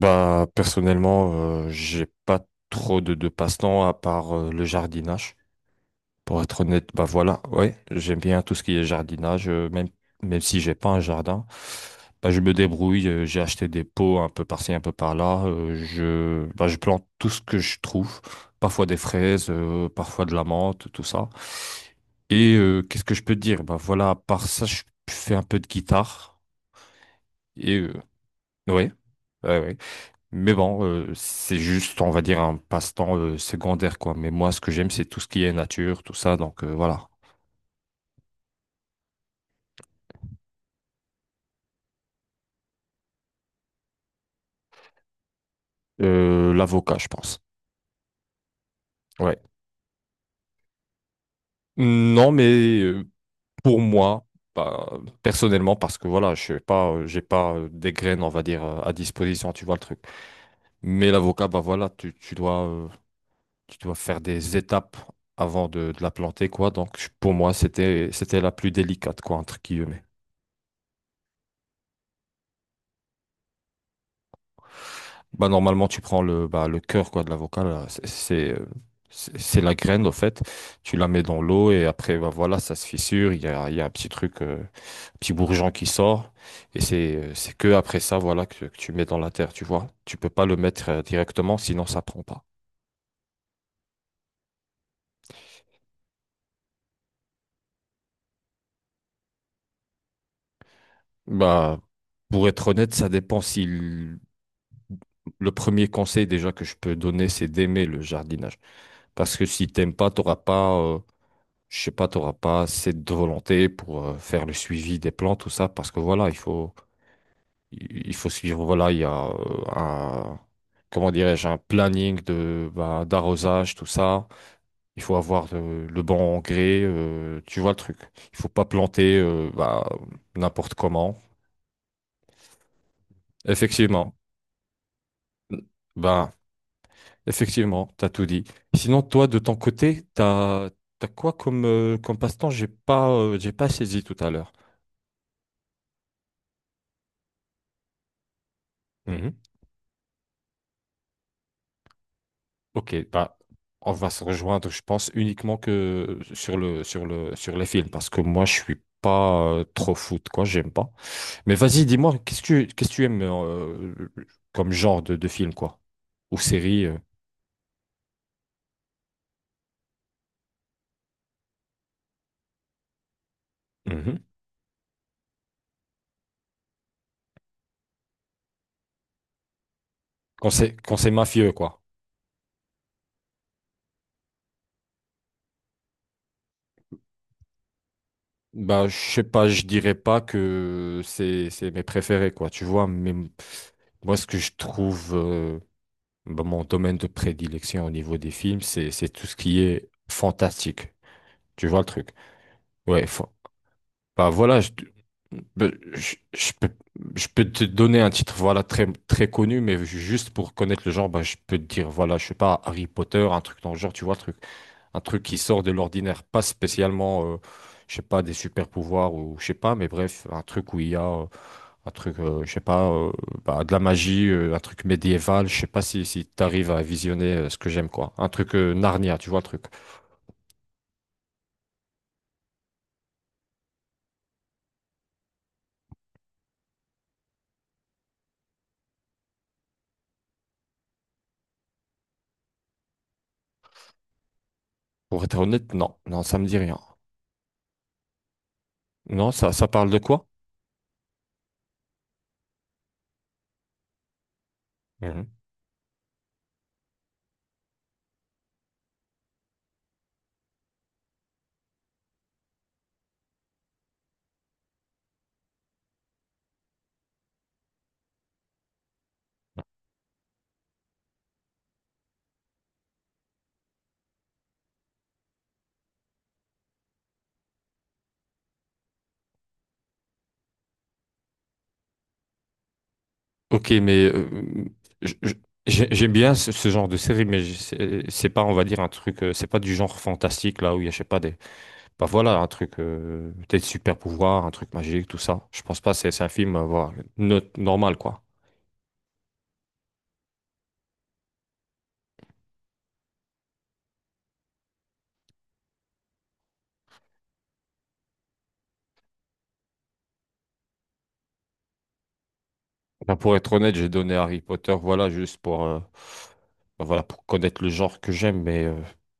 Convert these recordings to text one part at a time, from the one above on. Bah, personnellement, j'ai pas trop de passe-temps à part le jardinage. Pour être honnête, bah voilà, ouais, j'aime bien tout ce qui est jardinage, même, même si j'ai pas un jardin, bah je me débrouille, j'ai acheté des pots un peu par-ci, un peu par-là, bah je plante tout ce que je trouve, parfois des fraises, parfois de la menthe, tout ça. Et qu'est-ce que je peux te dire? Bah voilà, à part ça, je fais un peu de guitare, et ouais, ouais. Mais bon, c'est juste, on va dire, un passe-temps secondaire, quoi. Mais moi, ce que j'aime, c'est tout ce qui est nature, tout ça, donc voilà. L'avocat, je pense. Ouais. Non, mais pour moi, bah, personnellement, parce que voilà, je sais pas, j'ai pas des graines, on va dire, à disposition, tu vois le truc. Mais l'avocat, bah voilà, tu dois, tu dois faire des étapes avant de la planter, quoi. Donc, pour moi, c'était la plus délicate, quoi, entre guillemets. Bah, normalement, tu prends le, bah, le cœur, quoi, de l'avocat, là. C'est c'est la graine, au fait. Tu la mets dans l'eau et après, bah voilà, ça se fissure. Il y a un petit truc. Petit bourgeon qui sort. Et c'est que après ça, voilà, que tu mets dans la terre, tu vois. Tu peux pas le mettre directement, sinon ça prend pas. Bah, pour être honnête, ça dépend si l- le premier conseil déjà que je peux donner, c'est d'aimer le jardinage. Parce que si t'aimes pas, t'auras pas, je sais pas, t'auras pas assez de volonté pour faire le suivi des plantes, tout ça. Parce que voilà, il faut, il faut suivre, voilà, il y a comment dirais-je, un planning de, bah, d'arrosage, tout ça. Il faut avoir le bon engrais, tu vois le truc. Il faut pas planter n'importe comment. Effectivement. Bah, effectivement, t'as tout dit. Sinon, toi, de ton côté, t'as quoi comme, comme passe-temps? J'ai pas saisi tout à l'heure. Ok, bah, on va se rejoindre, je pense, uniquement que sur les films, parce que moi, je suis pas trop foot, quoi, j'aime pas. Mais vas-y, dis-moi, qu'est-ce que tu aimes comme genre de film, quoi, ou série mhm. Quand quand c'est mafieux, quoi. Bah, je sais pas, je dirais pas que c'est mes préférés, quoi, tu vois, mais moi, ce que je trouve, bah, mon domaine de prédilection au niveau des films, c'est tout ce qui est fantastique, tu vois le truc. Ouais, fa- Bah voilà, bah, je, je peux, je peux te donner un titre voilà très très connu, mais juste pour connaître le genre, bah, je peux te dire voilà, je sais pas Harry Potter, un truc dans le genre, tu vois, le truc, un truc qui sort de l'ordinaire, pas spécialement, je sais pas des super pouvoirs ou je sais pas, mais bref, un truc où il y a je sais pas, bah, de la magie, un truc médiéval, je sais pas si t'arrives à visionner ce que j'aime quoi, un truc Narnia, tu vois le truc. Pour être honnête, non, ça me dit rien. Non, ça parle de quoi? Ok, mais je- je- j'aime bien ce, ce genre de série, c'est pas, on va dire, un truc, c'est pas du genre fantastique là où il y a, je sais pas, des. Bah voilà, un truc, être super pouvoirs, un truc magique, tout ça. Je pense pas, c'est un film, voilà, normal quoi. Bah, pour être honnête, j'ai donné Harry Potter, voilà, juste pour, bah, voilà, pour connaître le genre que j'aime, mais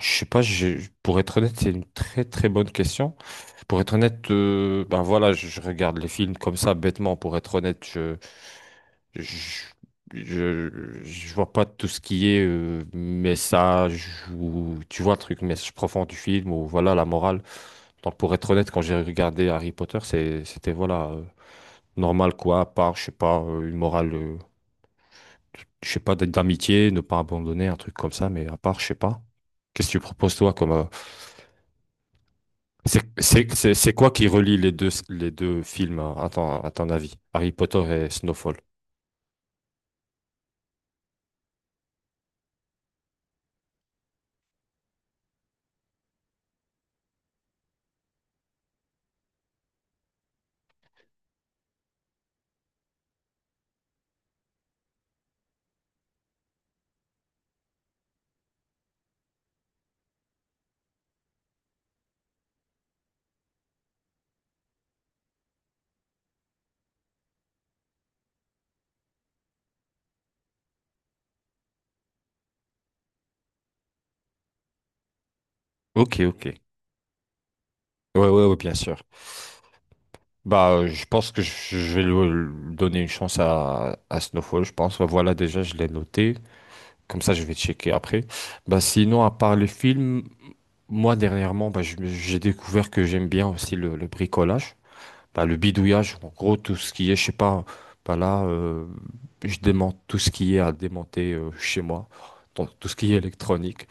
je sais pas, pour être honnête, c'est une très très bonne question. Pour être honnête, ben voilà, je regarde les films comme ça, bêtement. Pour être honnête, je, je, je vois pas tout ce qui est message ou tu vois le truc, message profond du film ou voilà la morale. Donc pour être honnête, quand j'ai regardé Harry Potter, c'était voilà normal quoi, à part je sais pas une morale, je sais pas d'amitié, ne pas abandonner, un truc comme ça, mais à part je sais pas. Qu'est-ce que tu proposes toi comme c'est c'est quoi qui relie les deux films hein, à à ton avis? Harry Potter et Snowfall. Ok, ok. Ouais, bien sûr. Bah, je pense que je vais le donner une chance à Snowfall, je pense. Ouais, voilà, déjà, je l'ai noté. Comme ça, je vais checker après. Bah, sinon, à part les films, moi, dernièrement, bah, j'ai découvert que j'aime bien aussi le bricolage. Bah, le bidouillage, en gros, tout ce qui est, je sais pas, bah là, je démonte tout ce qui est à démonter chez moi, donc tout ce qui est électronique.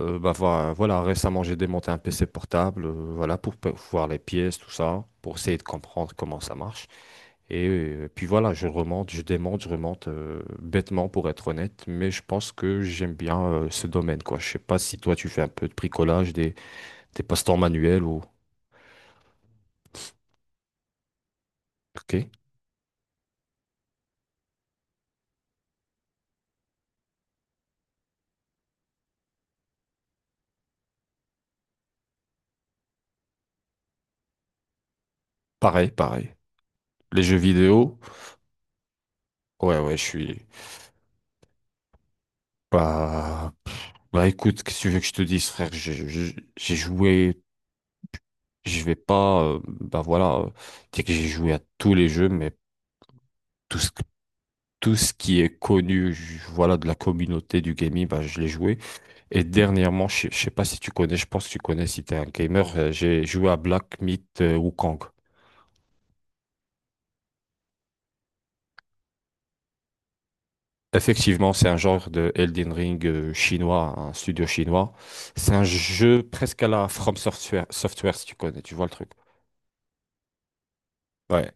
Voilà, récemment, j'ai démonté un PC portable, voilà, pour voir les pièces, tout ça, pour essayer de comprendre comment ça marche. Et puis voilà, je remonte, je remonte bêtement, pour être honnête, mais je pense que j'aime bien ce domaine, quoi. Je sais pas si toi, tu fais un peu de bricolage, des passe-temps manuels ou... Ok, pareil, pareil. Les jeux vidéo. Ouais, ouais, je suis. Bah, bah écoute, qu'est-ce que tu veux que je te dise, frère? J'ai joué, je vais pas. Dire que j'ai joué à tous les jeux, mais tout ce, tout ce qui est connu, voilà, de la communauté du gaming, bah je l'ai joué. Et dernièrement, je sais pas si tu connais, je pense que tu connais si t'es un gamer, j'ai joué à Black Myth Wukong. Effectivement, c'est un genre de Elden Ring chinois, un studio chinois. C'est un jeu presque à la From Software, Software, si tu connais, tu vois le truc. Ouais.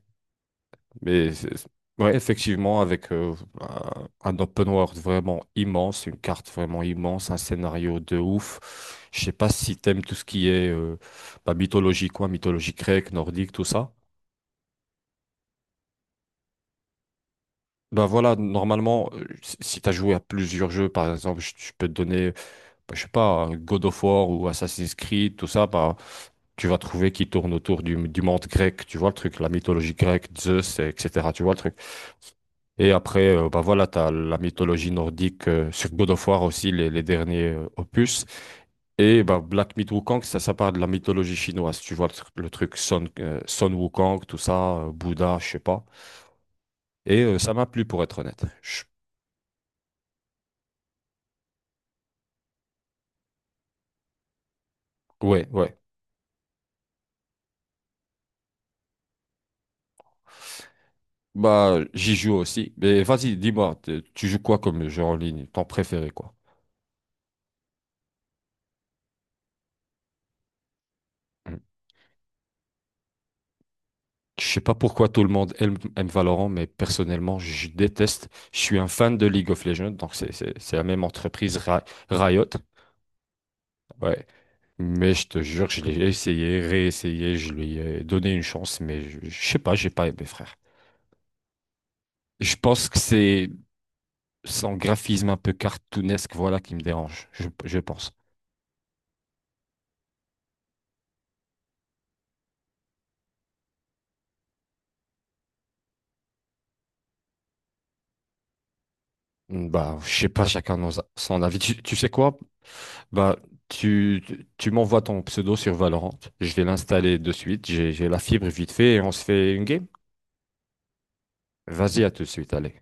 Mais c'est- ouais, effectivement, avec un un open world vraiment immense, une carte vraiment immense, un scénario de ouf. Je sais pas si t'aimes tout ce qui est bah, mythologie, quoi, mythologie grecque, nordique, tout ça. Bah voilà, normalement, si si t'as joué à plusieurs jeux, par exemple, je peux te donner, bah, je sais pas, un God of War ou Assassin's Creed, tout ça, bah tu vas trouver qui tourne autour du monde grec, tu vois le truc, la mythologie grecque, Zeus, etc. Tu vois le truc. Et après, bah voilà, t'as la mythologie nordique sur God of War aussi, les derniers opus. Et bah, Black Myth Wukong, ça part de la mythologie chinoise. Tu vois le truc Son, Son Wukong, tout ça, Bouddha, je sais pas. Et ça m'a plu pour être honnête. Je- Ouais, ouais. Bah, j'y joue aussi. Mais vas-y, dis-moi, tu joues quoi comme jeu en ligne? Ton préféré, quoi? Hmm. Je sais pas pourquoi tout le monde aime Valorant, mais personnellement, je déteste. Je suis un fan de League of Legends, donc c'est la même entreprise Riot. Ouais. Mais je te jure, je l'ai essayé, réessayé, je lui ai donné une chance, mais je sais pas, j'ai pas aimé, frère. Je pense que c'est son graphisme un peu cartoonesque, voilà, qui me dérange, je pense. Bah, je sais pas, son avis. Tu sais quoi? Bah, tu m'envoies ton pseudo sur Valorant. Je vais l'installer de suite. J'ai la fibre vite fait et on se fait une game. Vas-y, à tout de suite, allez.